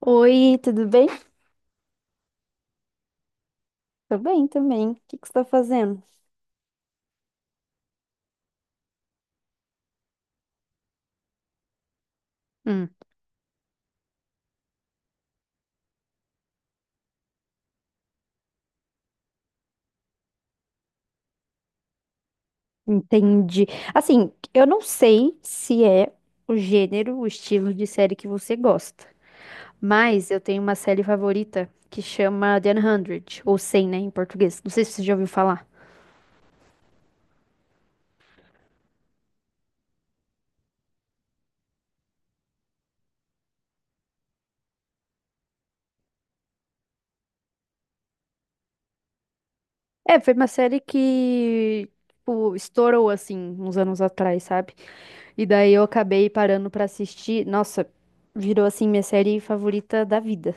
Oi, tudo bem? Tô bem também. O que que você tá fazendo? Hum. Entendi. Assim, eu não sei se é o gênero, o estilo de série que você gosta, mas eu tenho uma série favorita que chama The 100, ou Cem, né, em português. Não sei se você já ouviu falar. É, foi uma série que, tipo, estourou, assim, uns anos atrás, sabe? E daí eu acabei parando pra assistir. Nossa, virou, assim, minha série favorita da vida.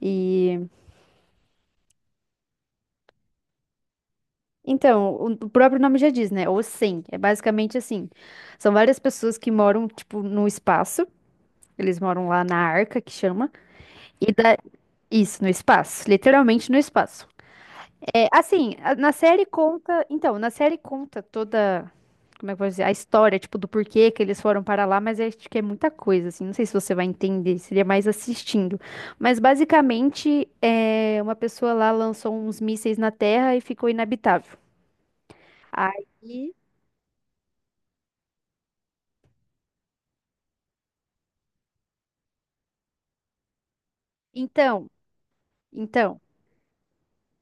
E então, o próprio nome já diz, né? O 100. É basicamente assim. São várias pessoas que moram, tipo, no espaço. Eles moram lá na Arca, que chama. E da... Isso, no espaço. Literalmente no espaço. É, assim, na série conta... Então, na série conta toda... Como é que eu vou dizer? A história, tipo, do porquê que eles foram para lá. Mas é, acho que é muita coisa, assim. Não sei se você vai entender. Seria mais assistindo. Mas, basicamente, é uma pessoa lá lançou uns mísseis na Terra e ficou inabitável. Aí Então, então,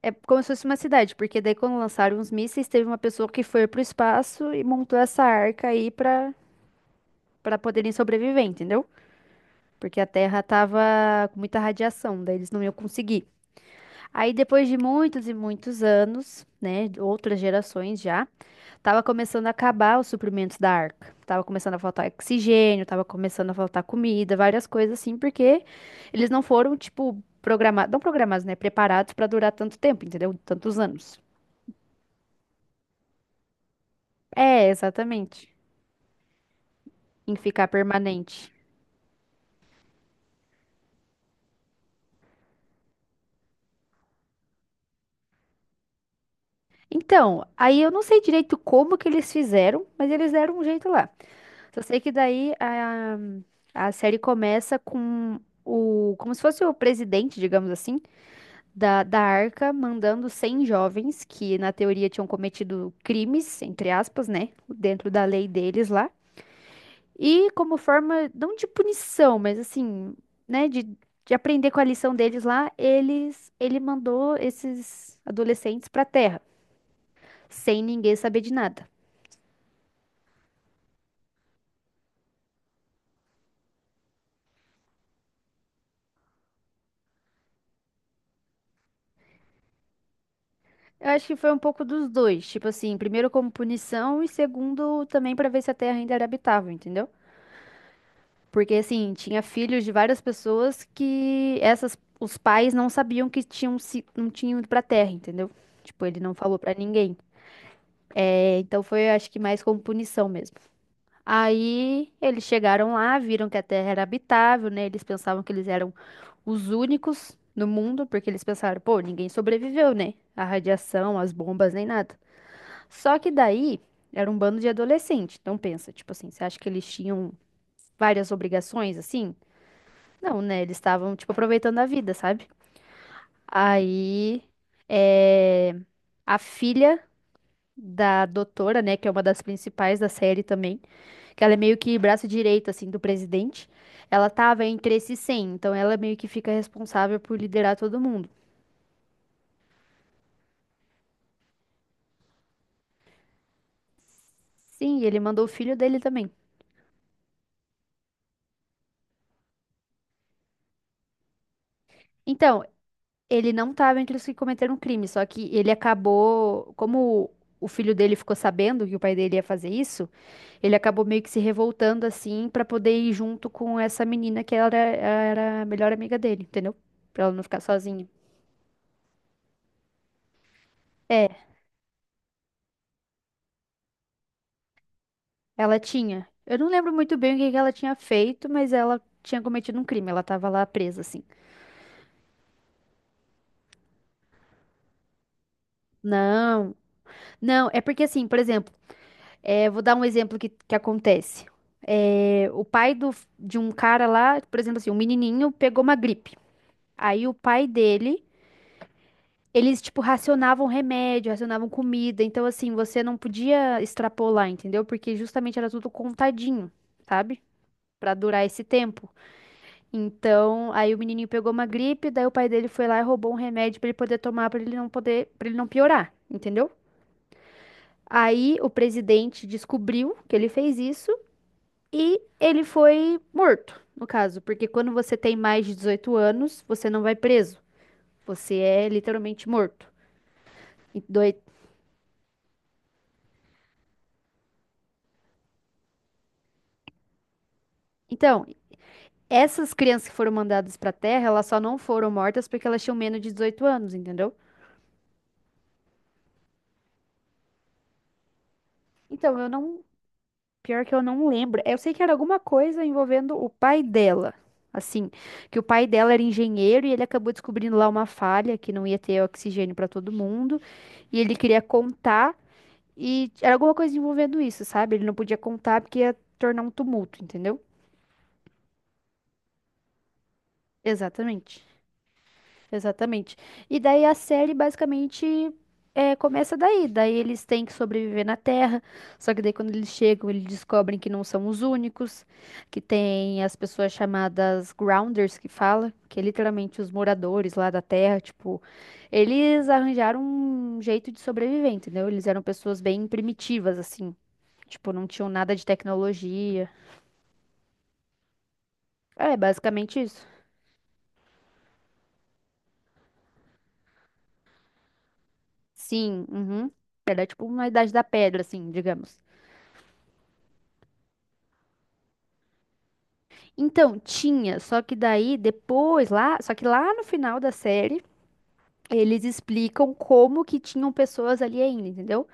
é como se fosse uma cidade, porque daí quando lançaram os mísseis, teve uma pessoa que foi pro espaço e montou essa arca aí pra para poderem sobreviver, entendeu? Porque a Terra tava com muita radiação, daí eles não iam conseguir. Aí depois de muitos e muitos anos, né, outras gerações já, tava começando a acabar os suprimentos da Arca. Tava começando a faltar oxigênio, tava começando a faltar comida, várias coisas assim, porque eles não foram, tipo, programados, não programados, né? Preparados pra durar tanto tempo, entendeu? Tantos anos. É, exatamente. Em ficar permanente. Então, aí eu não sei direito como que eles fizeram, mas eles deram um jeito lá. Só sei que daí a série começa com como se fosse o presidente, digamos assim, da Arca mandando cem jovens que, na teoria, tinham cometido crimes, entre aspas, né? Dentro da lei deles lá. E como forma, não de punição, mas assim, né? De aprender com a lição deles lá, ele mandou esses adolescentes pra Terra, sem ninguém saber de nada. Eu acho que foi um pouco dos dois, tipo assim, primeiro como punição e segundo também pra ver se a Terra ainda era habitável, entendeu? Porque assim, tinha filhos de várias pessoas que essas os pais não sabiam que tinham se não tinham ido pra terra, entendeu? Tipo, ele não falou pra ninguém. É, então foi, acho que mais como punição mesmo. Aí eles chegaram lá, viram que a terra era habitável, né? Eles pensavam que eles eram os únicos no mundo, porque eles pensaram, pô, ninguém sobreviveu, né? A radiação, as bombas, nem nada. Só que daí era um bando de adolescente. Então pensa, tipo assim, você acha que eles tinham várias obrigações assim? Não, né? Eles estavam, tipo, aproveitando a vida, sabe? Aí, é, a filha da doutora, né, que é uma das principais da série também, que ela é meio que braço direito, assim, do presidente, ela tava entre esses 100, então ela meio que fica responsável por liderar todo mundo. Sim, ele mandou o filho dele também. Então, ele não tava entre os que cometeram crime, só que ele acabou, como o filho dele ficou sabendo que o pai dele ia fazer isso, ele acabou meio que se revoltando assim pra poder ir junto com essa menina que era a melhor amiga dele, entendeu? Pra ela não ficar sozinha. É, ela tinha. Eu não lembro muito bem o que que ela tinha feito, mas ela tinha cometido um crime. Ela tava lá presa, assim. Não, não, é porque assim, por exemplo, é, vou dar um exemplo que acontece. É, o pai do, de um cara lá, por exemplo, assim, um menininho pegou uma gripe. Aí o pai dele, eles, tipo, racionavam remédio, racionavam comida. Então, assim, você não podia extrapolar, entendeu? Porque justamente era tudo contadinho, sabe? Pra durar esse tempo. Então, aí o menininho pegou uma gripe, daí o pai dele foi lá e roubou um remédio pra ele poder tomar, pra ele não poder, para ele não piorar, entendeu? Aí o presidente descobriu que ele fez isso e ele foi morto, no caso, porque quando você tem mais de 18 anos, você não vai preso. Você é literalmente morto. E doi- Então, essas crianças que foram mandadas pra Terra, elas só não foram mortas porque elas tinham menos de 18 anos, entendeu? Então, eu não. Pior que eu não lembro. Eu sei que era alguma coisa envolvendo o pai dela. Assim, que o pai dela era engenheiro e ele acabou descobrindo lá uma falha que não ia ter oxigênio pra todo mundo. E ele queria contar e era alguma coisa envolvendo isso, sabe? Ele não podia contar porque ia tornar um tumulto, entendeu? Exatamente. Exatamente. E daí a série basicamente é, começa daí. Daí eles têm que sobreviver na Terra. Só que daí quando eles chegam, eles descobrem que não são os únicos, que tem as pessoas chamadas Grounders que fala, que é literalmente os moradores lá da Terra, tipo, eles arranjaram um jeito de sobreviver, entendeu? Eles eram pessoas bem primitivas, assim. Tipo, não tinham nada de tecnologia. É, basicamente isso. Sim, uhum. Era tipo uma idade da pedra, assim, digamos. Então, tinha, só que daí depois lá, só que lá no final da série, eles explicam como que tinham pessoas ali ainda, entendeu?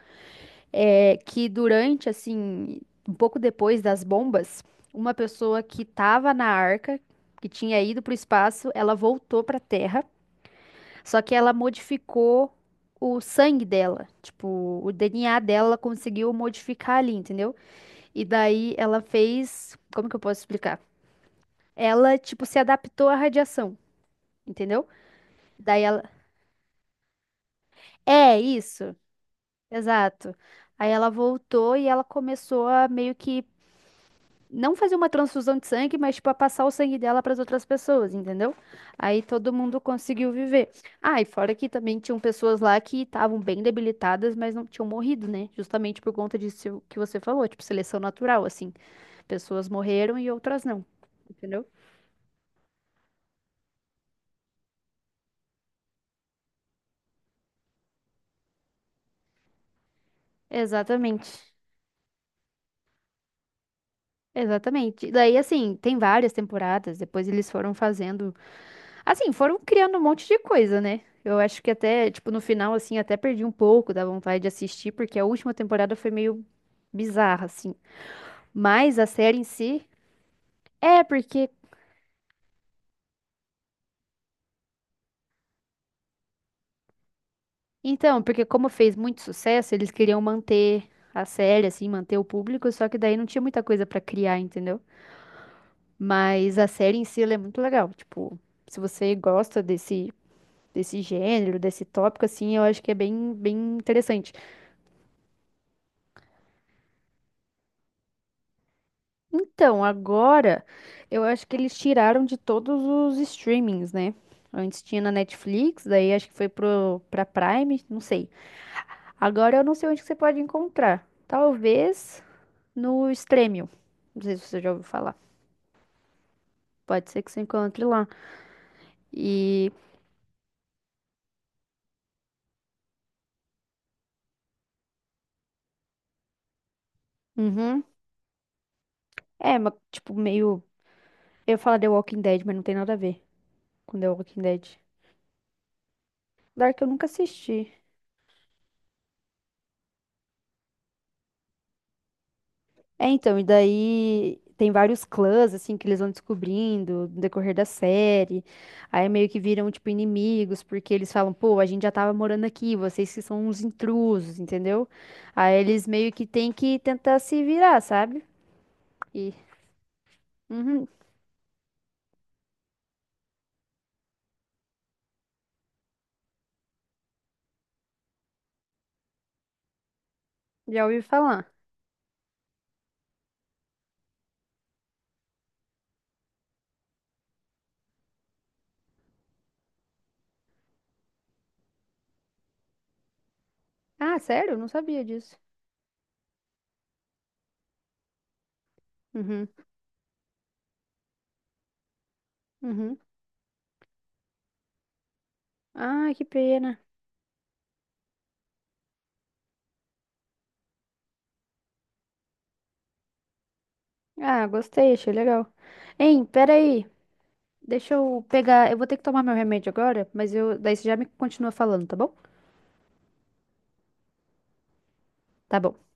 É, que durante, assim, um pouco depois das bombas, uma pessoa que tava na arca, que tinha ido pro espaço, ela voltou pra Terra, só que ela modificou o sangue dela, tipo, o DNA dela ela conseguiu modificar ali, entendeu? E daí ela fez, como que eu posso explicar? Ela, tipo, se adaptou à radiação. Entendeu? Daí ela. É isso, exato. Aí ela voltou e ela começou a meio que não fazer uma transfusão de sangue, mas tipo a passar o sangue dela para as outras pessoas, entendeu? Aí todo mundo conseguiu viver. Ah, e fora que também tinham pessoas lá que estavam bem debilitadas, mas não tinham morrido, né? Justamente por conta disso que você falou, tipo seleção natural, assim. Pessoas morreram e outras não, entendeu? Exatamente. Exatamente. Daí, assim, tem várias temporadas. Depois eles foram fazendo, assim, foram criando um monte de coisa, né? Eu acho que até, tipo, no final, assim, até perdi um pouco da vontade de assistir, porque a última temporada foi meio bizarra, assim. Mas a série em si, é porque. Então, porque como fez muito sucesso, eles queriam manter a série, assim, manter o público, só que daí não tinha muita coisa pra criar, entendeu? Mas a série em si, ela é muito legal. Tipo, se você gosta desse gênero, desse tópico, assim, eu acho que é bem interessante. Então, agora eu acho que eles tiraram de todos os streamings, né? Antes tinha na Netflix, daí acho que foi pra Prime, não sei. Agora eu não sei onde que você pode encontrar. Talvez no Stremio. Não sei se você já ouviu falar. Pode ser que você encontre lá. E. Uhum. É, mas, tipo, meio. Eu ia falar The Walking Dead, mas não tem nada a ver com The Walking Dead. Dark eu nunca assisti. É, então, e daí tem vários clãs, assim, que eles vão descobrindo no decorrer da série. Aí meio que viram, tipo, inimigos, porque eles falam, pô, a gente já tava morando aqui, vocês que são uns intrusos, entendeu? Aí eles meio que têm que tentar se virar, sabe? E, uhum, já ouvi falar. Ah, sério? Não sabia disso. Uhum, uhum. Ah, que pena. Ah, gostei, achei legal. Hein, peraí, deixa eu pegar, eu vou ter que tomar meu remédio agora, mas eu, daí você já me continua falando, tá bom? Tá bom.